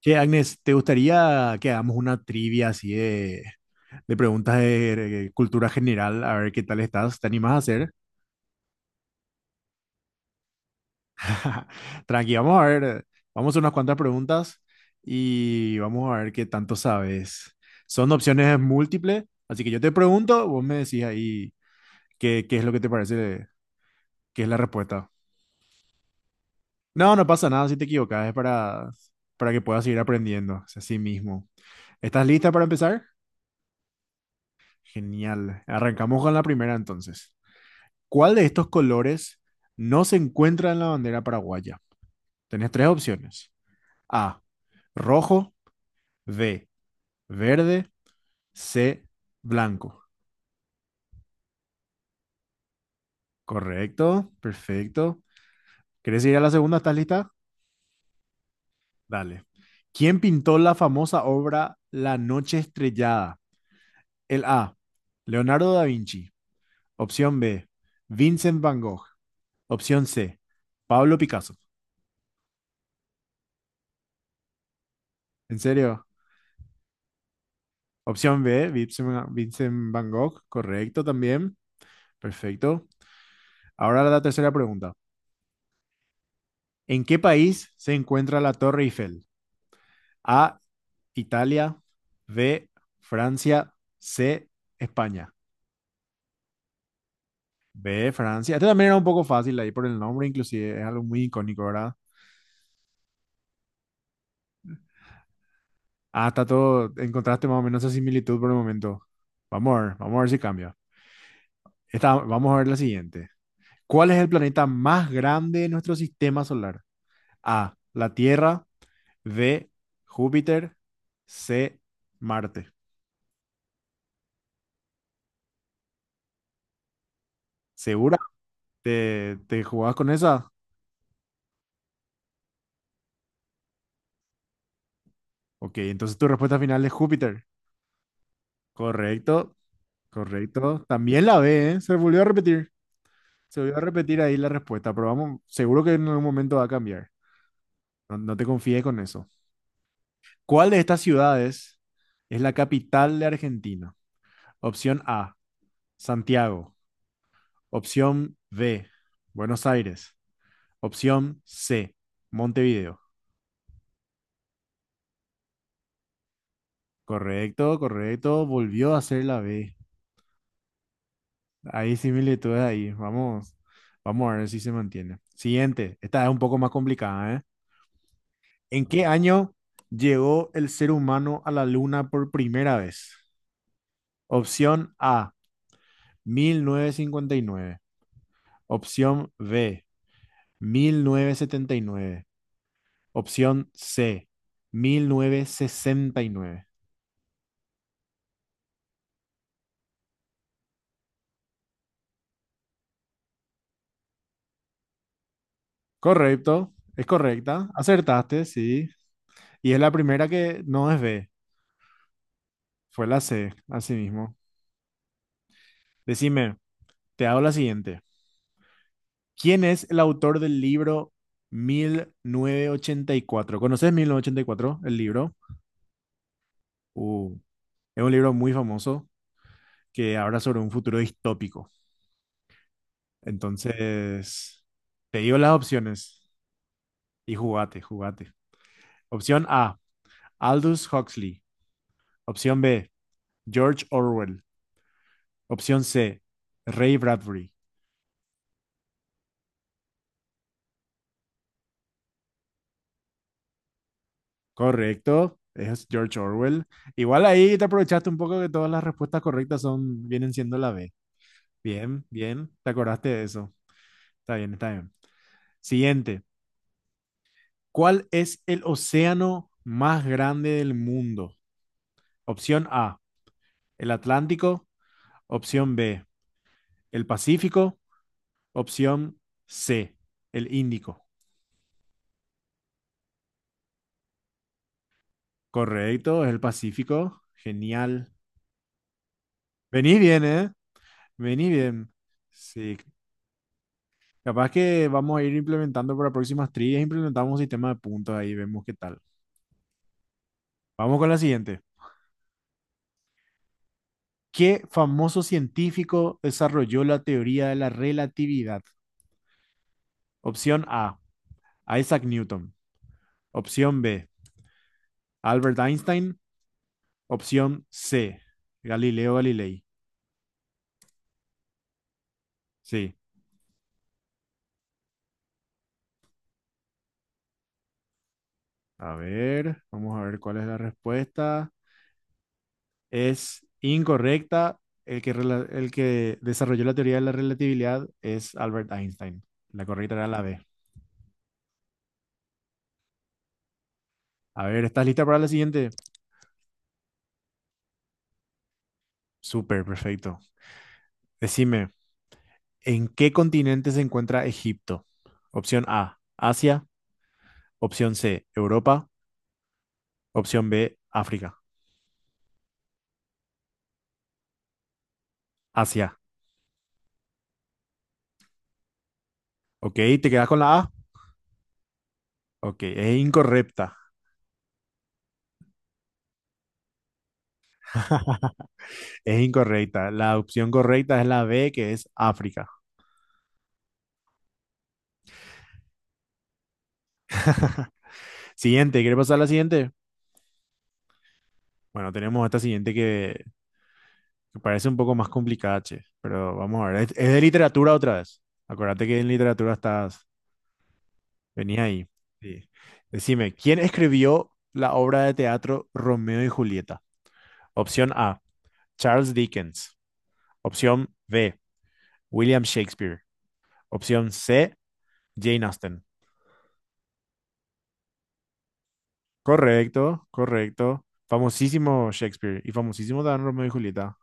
Che, Agnes, ¿te gustaría que hagamos una trivia así de preguntas de cultura general? A ver qué tal estás. ¿Te animas a hacer? Tranqui, vamos a ver. Vamos a hacer unas cuantas preguntas y vamos a ver qué tanto sabes. Son opciones múltiples, así que yo te pregunto, vos me decís ahí qué es lo que te parece, qué es la respuesta. No, no pasa nada si te equivocas, es para que puedas seguir aprendiendo, es así mismo. ¿Estás lista para empezar? Genial. Arrancamos con la primera entonces. ¿Cuál de estos colores no se encuentra en la bandera paraguaya? Tenés tres opciones. A, rojo, B, verde, C, blanco. Correcto, perfecto. ¿Querés ir a la segunda? ¿Estás lista? Dale. ¿Quién pintó la famosa obra La Noche Estrellada? El A, Leonardo da Vinci. Opción B, Vincent Van Gogh. Opción C, Pablo Picasso. ¿En serio? Opción B, Vincent Van Gogh, correcto también. Perfecto. Ahora la tercera pregunta. ¿En qué país se encuentra la Torre Eiffel? A, Italia, B, Francia, C, España. B, Francia. Este también era un poco fácil ahí por el nombre, inclusive es algo muy icónico, ¿verdad? Ah, está todo, encontraste más o menos esa similitud por el momento. Vamos a ver si cambia. Vamos a ver la siguiente. ¿Cuál es el planeta más grande de nuestro sistema solar? A, la Tierra. D, Júpiter, C, Marte. ¿Segura? ¿Te jugabas con esa? Ok, entonces tu respuesta final es Júpiter. Correcto, correcto. También la B, ¿eh? Se volvió a repetir. Se volvió a repetir ahí la respuesta, pero vamos, seguro que en algún momento va a cambiar. No, no te confíes con eso. ¿Cuál de estas ciudades es la capital de Argentina? Opción A, Santiago. Opción B, Buenos Aires. Opción C, Montevideo. Correcto, correcto. Volvió a hacer la B. Hay similitudes ahí. Vamos, vamos a ver si se mantiene. Siguiente. Esta es un poco más complicada, ¿eh? ¿En qué año llegó el ser humano a la luna por primera vez? Opción A, 1959. Opción B, 1979. Opción C, 1969. Correcto, es correcta. Acertaste, sí. Y es la primera que no es B. Fue la C, así mismo. Decime, te hago la siguiente. ¿Quién es el autor del libro 1984? ¿Conoces 1984, el libro? Uh, es un libro muy famoso que habla sobre un futuro distópico. Entonces, te digo las opciones y jugate, jugate. Opción A, Aldous Huxley. Opción B, George Orwell. Opción C, Ray Bradbury. Correcto, es George Orwell. Igual ahí te aprovechaste un poco que todas las respuestas correctas son, vienen siendo la B. Bien, bien, te acordaste de eso. Está bien, está bien. Siguiente, ¿cuál es el océano más grande del mundo? Opción A, el Atlántico. Opción B, el Pacífico. Opción C, el Índico. Correcto, es el Pacífico. Genial. Vení bien, ¿eh? Vení bien. Sí, capaz que vamos a ir implementando para próximas trillas, implementamos un sistema de puntos ahí, vemos qué tal. Vamos con la siguiente. ¿Qué famoso científico desarrolló la teoría de la relatividad? Opción A, Isaac Newton. Opción B, Albert Einstein. Opción C, Galileo Galilei. Sí. A ver, vamos a ver cuál es la respuesta. Es incorrecta. El que desarrolló la teoría de la relatividad es Albert Einstein. La correcta era la B. A ver, ¿estás lista para la siguiente? Súper, perfecto. Decime, ¿en qué continente se encuentra Egipto? Opción A, Asia. Opción C, Europa. Opción B, África. Asia. ¿Ok? ¿Te quedas con la A? Ok, es incorrecta. Es incorrecta. La opción correcta es la B, que es África. Siguiente, ¿quieres pasar a la siguiente? Bueno, tenemos esta siguiente que parece un poco más complicada, che, pero vamos a ver. Es de literatura otra vez. Acuérdate que en literatura estás, venía ahí. Sí. Decime, ¿quién escribió la obra de teatro Romeo y Julieta? Opción A, Charles Dickens. Opción B, William Shakespeare. Opción C, Jane Austen. Correcto, correcto. Famosísimo Shakespeare y famosísimo también Romeo y Julieta.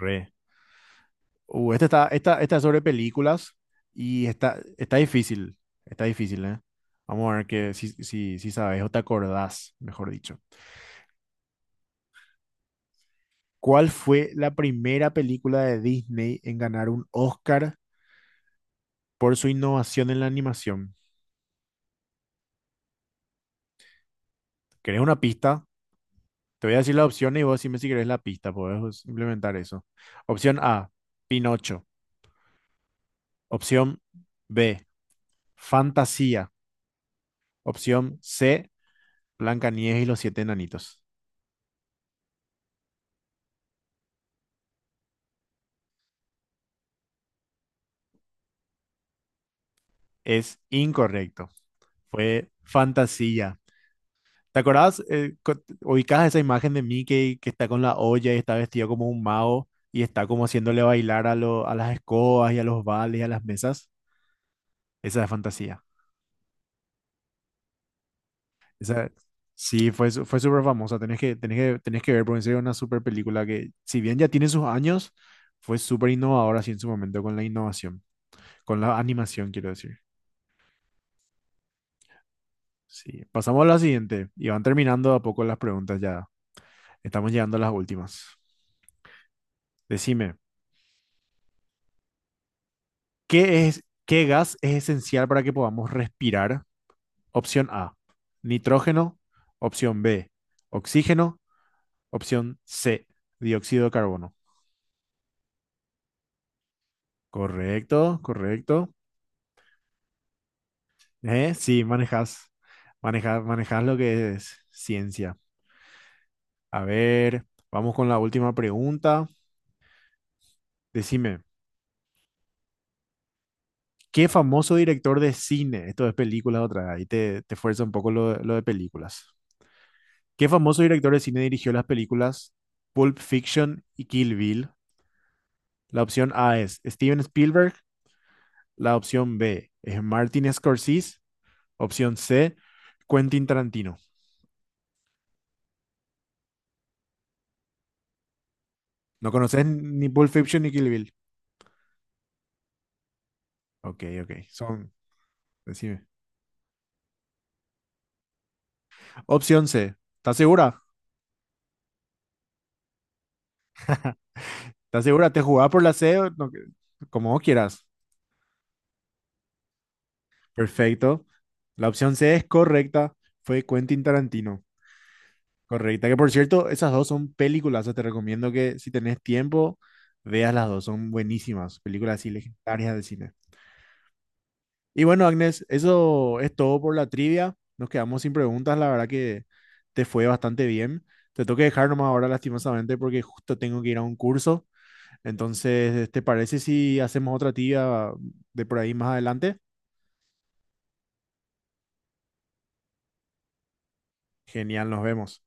Re. Esta es sobre películas y está difícil. Está difícil, ¿eh? Vamos a ver que si sabes o te acordás, mejor dicho. ¿Cuál fue la primera película de Disney en ganar un Oscar por su innovación en la animación? ¿Querés una pista? Te voy a decir la opción y vos decime si querés la pista, podés implementar eso. Opción A, Pinocho. Opción B, Fantasía. Opción C, Blancanieves y los siete enanitos. Es incorrecto. Fue Fantasía. ¿Te acordás? Eh, ubicás esa imagen de Mickey que está con la olla y está vestido como un mago y está como haciéndole bailar a, a las escobas y a los vales y a las mesas. Esa es fantasía. Esa, sí, fue, fue súper famosa. Tenés que, tenés que, tenés que ver, porque en serio es una súper película que, si bien ya tiene sus años, fue súper innovadora así en su momento con la innovación, con la animación, quiero decir. Sí, pasamos a la siguiente y van terminando a poco las preguntas ya. Estamos llegando a las últimas. Decime. ¿Qué gas es esencial para que podamos respirar? Opción A, nitrógeno. Opción B, oxígeno. Opción C, dióxido de carbono. Correcto, correcto. Sí, manejas lo que es ciencia. A ver, vamos con la última pregunta. Decime, ¿qué famoso director de cine? Esto es películas otra vez, ahí te fuerza un poco lo de películas. ¿Qué famoso director de cine dirigió las películas Pulp Fiction y Kill Bill? La opción A es Steven Spielberg, la opción B es Martin Scorsese, opción C, Quentin Tarantino. No conoces ni Pulp Fiction ni Kill Bill. Ok, ok, son, decime. Opción C, ¿estás segura? ¿Estás segura? ¿Te jugás por la C? ¿O no? Como vos quieras. Perfecto. La opción C es correcta, fue Quentin Tarantino. Correcta, que por cierto, esas dos son películas, te recomiendo que si tenés tiempo, veas las dos, son buenísimas, películas así legendarias del cine. Y bueno, Agnes, eso es todo por la trivia, nos quedamos sin preguntas, la verdad que te fue bastante bien. Te tengo que dejar nomás ahora lastimosamente porque justo tengo que ir a un curso, entonces, ¿te parece si hacemos otra trivia de por ahí más adelante? Genial, nos vemos.